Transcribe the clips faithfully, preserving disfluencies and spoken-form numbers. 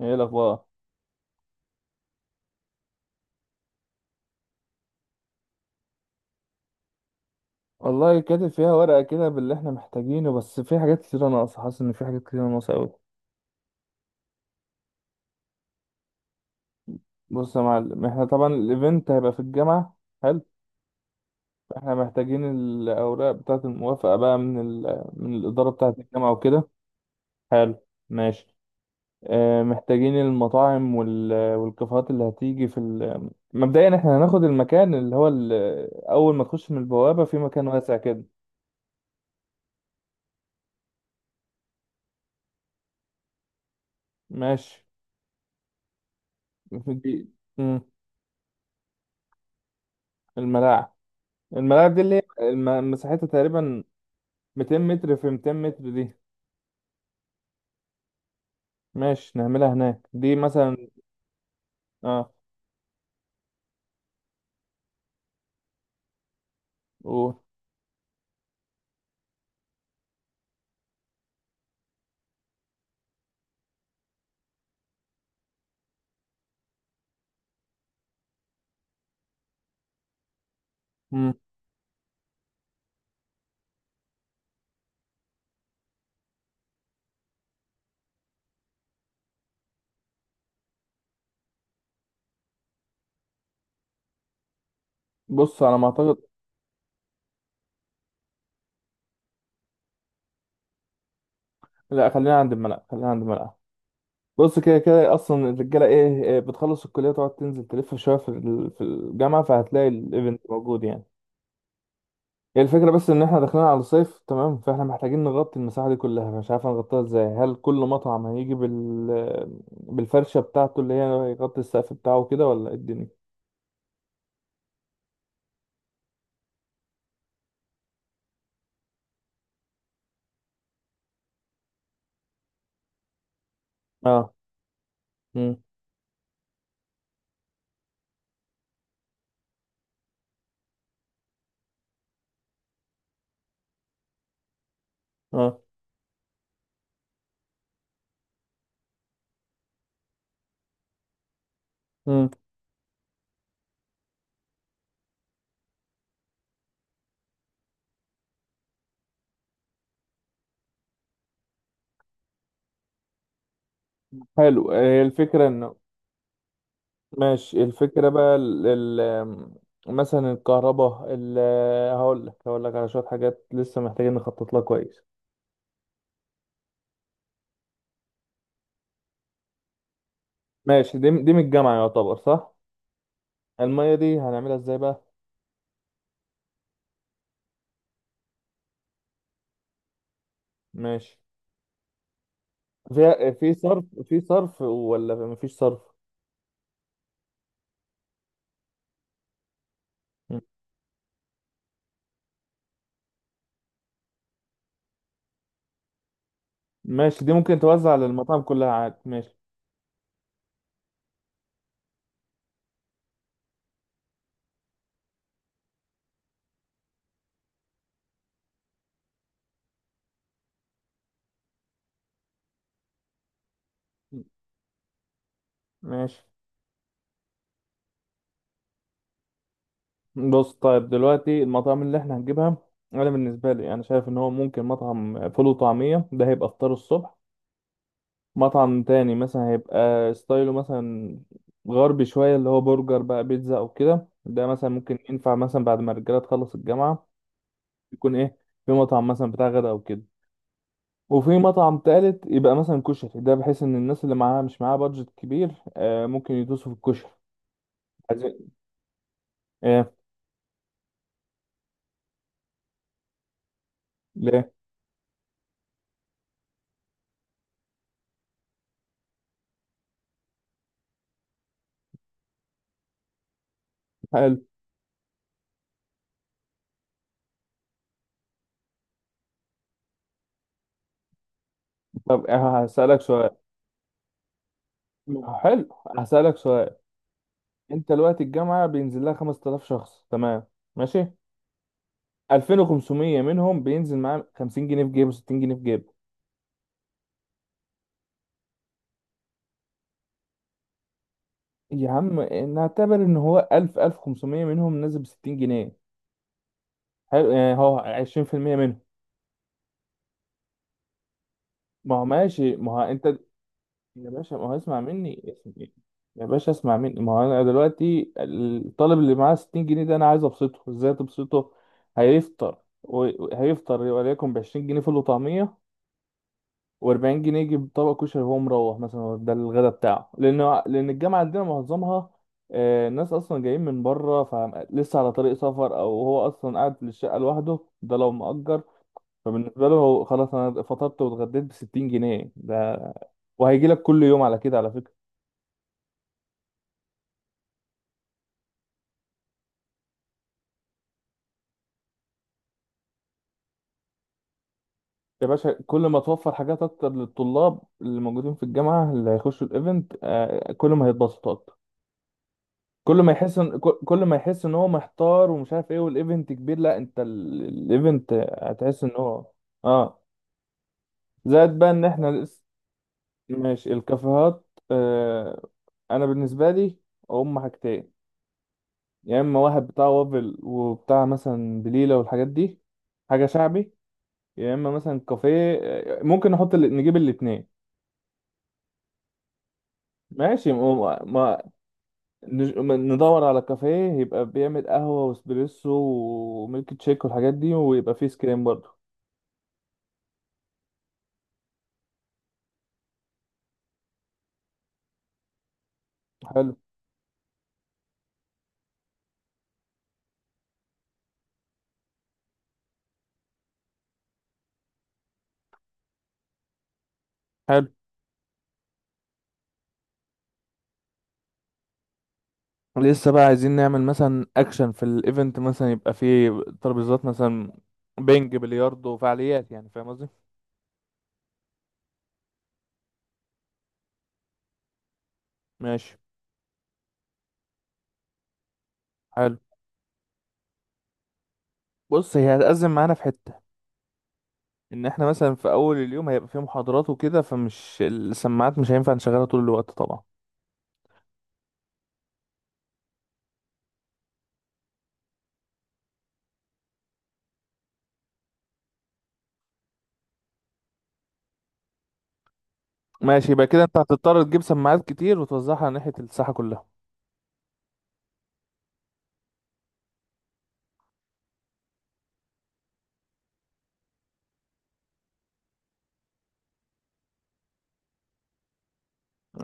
ايه الاخبار؟ والله كاتب فيها ورقه كده باللي احنا محتاجينه، بس في حاجات كتير ناقصه، حاسس ان في حاجات كتير ناقصه قوي. بص يا معلم، احنا طبعا الايفنت هيبقى في الجامعه. حلو. احنا محتاجين الاوراق بتاعه الموافقه بقى من ال... من الاداره بتاعه الجامعه وكده. حلو. ماشي. اه، محتاجين المطاعم وال... والكافيهات اللي هتيجي في ال... مبدئيا احنا هناخد المكان اللي هو ال... اول ما تخش من البوابه في مكان واسع كده. ماشي. دي- مم. الملاعب. الملاعب دي اللي هي الم- مساحتها تقريبا مئتين متر في مئتين متر دي. ماشي نعملها هناك دي مثلا. اه. و... مم. بص، على ما اعتقد. لا، خلينا عند الملعب، خلينا عند الملعب. بص كده كده اصلا الرجاله ايه إيه، بتخلص الكليه تقعد تنزل تلف شويه في ال- في الجامعه، فهتلاقي الايفنت موجود يعني. هي الفكره بس ان احنا داخلين على الصيف، تمام؟ فاحنا محتاجين نغطي المساحه دي كلها، مش عارف نغطيها ازاي. هل كل مطعم هيجي بال بالفرشه بتاعته اللي هي يغطي السقف بتاعه كده ولا إيه الدنيا؟ اه. اه. مم. حلو. هي الفكرة انه ماشي. الفكرة بقى ال... ال... مثلا الكهرباء ال... هقول لك، هقول لك على شوية حاجات لسه محتاجين نخطط لها كويس. ماشي، دي دي من الجامعة يعتبر صح. المية دي هنعملها ازاي بقى؟ ماشي. فيها في صرف في صرف ولا مفيش صرف؟ مم. ماشي، دي ممكن توزع للمطاعم كلها عادي. ماشي. ماشي. بص طيب دلوقتي المطاعم اللي احنا هنجيبها، انا بالنسبة لي انا شايف ان هو ممكن مطعم فول وطعمية ده هيبقى فطار الصبح. مطعم تاني مثلا هيبقى ستايله مثلا غربي شوية، اللي هو برجر بقى، بيتزا أو كده، ده مثلا ممكن ينفع مثلا بعد ما الرجالة تخلص الجامعة. يكون إيه؟ في مطعم مثلا بتاع غدا أو كده. وفي مطعم تالت يبقى مثلا كشري، ده بحيث إن الناس اللي معاها مش معاها بادجت كبير آه ممكن يدوسوا في الكشري. عايزين؟ إيه؟ ليه؟ حلو. طب، آه، هسألك سؤال. حلو. هسألك سؤال. أنت دلوقتي الجامعة بينزل لها خمستلاف شخص، تمام؟ ماشي. الفين وخمسميه منهم بينزل معاه خمسين جنيه في جيبه، ستين جنيه في جيبه. يا عم، نعتبر ان هو الف، الف وخمسميه منهم نازل ب ستين جنيه. حلو يعني هو عشرين في المية منهم. ما هو ماشي، ما هو انت. يا باشا ما هو اسمع مني، يا باشا اسمع مني، ما هو انا دلوقتي الطالب اللي معاه ستين جنيه ده انا عايز ابسطه ازاي، تبسطه. هيفطر، وهيفطر وليكن ب عشرين جنيه فول وطعميه، واربعين جنيه يجيب طبق كشري وهو مروح مثلا، هو ده الغدا بتاعه، لان لان الجامعه عندنا معظمها آه، الناس اصلا جايين من بره، فلسه على طريق سفر، او هو اصلا قاعد في الشقه لوحده، ده لو مأجر. فبالنسبه له هو خلاص، انا فطرت واتغديت ب ستين جنيه ده، وهيجي لك كل يوم على كده على فكره. يا باشا، كل ما توفر حاجات اكتر للطلاب اللي موجودين في الجامعه اللي هيخشوا الايفنت، آه، كل ما هيتبسطوا. كل ما يحس ان كل كل ما يحس ان هو محتار ومش عارف ايه، والايفنت كبير، لا انت ال- الايفنت هتحس ان هو، اه، زائد بقى ان احنا لسه. ماشي. الكافيهات، آه. انا بالنسبه لي هم حاجتين. يا اما واحد بتاع وافل وبتاع مثلا بليله والحاجات دي، حاجه شعبي، يا اما مثلا كافيه، آه، ممكن نحط ال- نجيب الاتنين. ماشي. ما ما- نج- ندور على كافيه يبقى بيعمل قهوة واسبريسو وميلك تشيك والحاجات دي ويبقى فيه سكريم برضه. حلو. حلو. لسه بقى عايزين نعمل مثلا اكشن في الايفنت، مثلا يبقى فيه ترابيزات مثلا بينج، بلياردو، وفعاليات، يعني فاهم قصدي. ماشي. حلو. بص هي هتأزم معانا في حتة ان احنا مثلا في اول اليوم هيبقى فيه محاضرات وكده فمش السماعات مش هينفع نشغلها طول الوقت طبعا ماشي يبقى كده انت هتضطر تجيب سماعات كتير وتوزعها على ناحية الساحة كلها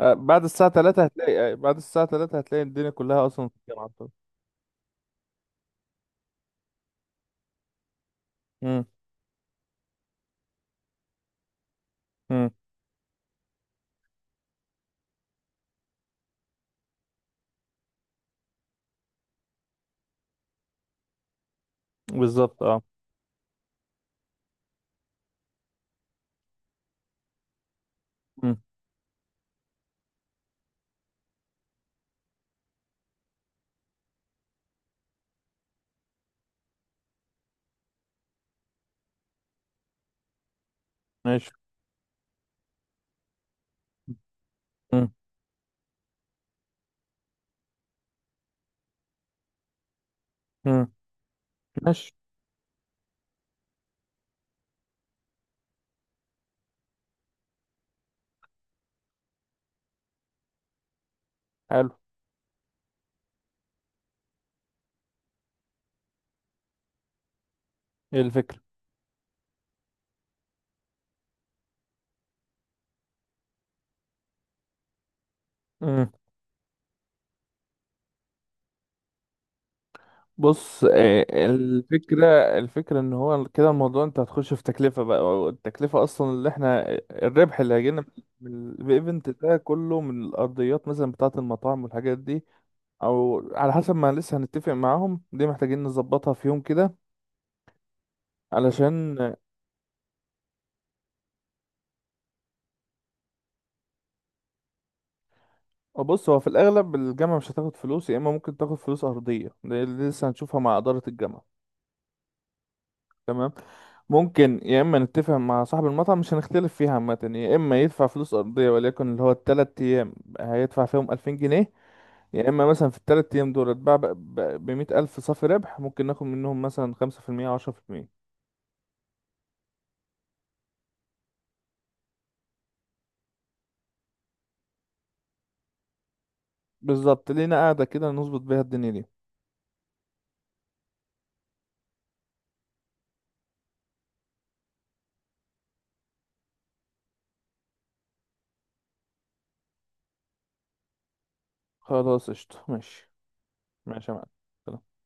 آه، بعد الساعة تلاتة هتلاقي آه، بعد الساعة تلاتة هتلاقي الدنيا كلها أصلا في الجامعة بتاعتك. مم. مم. بالظبط اه مم. ماشي مم. مم. ماشي حلو ايه الفكرة؟ مم. بص، آه، الفكرة الفكرة ان هو كده الموضوع، انت هتخش في تكلفة بقى، والتكلفة اصلا اللي احنا الربح اللي هيجيلنا من الايفنت ده كله من الارضيات مثلا بتاعة المطاعم والحاجات دي، او على حسب ما لسه هنتفق معاهم، دي محتاجين نظبطها في يوم كده علشان. آه، بص، هو في الأغلب الجامعة مش هتاخد فلوس، يا إما ممكن تاخد فلوس أرضية، ده اللي لسه هنشوفها مع إدارة الجامعة. تمام. ممكن يا إما نتفق مع صاحب المطعم، مش هنختلف فيها عامة، يا إما يدفع فلوس أرضية وليكن اللي هو التلات أيام هيدفع فيهم ألفين جنيه، يا إما مثلا في التلات أيام دول اتباع بمية ألف صافي ربح، ممكن ناخد منهم مثلا خمسة في المية أو عشرة في المية. بالظبط، لينا قاعدة كده نظبط بيها الدنيا دي. خلاص قشطة. ماشي. ماشي يا معلم.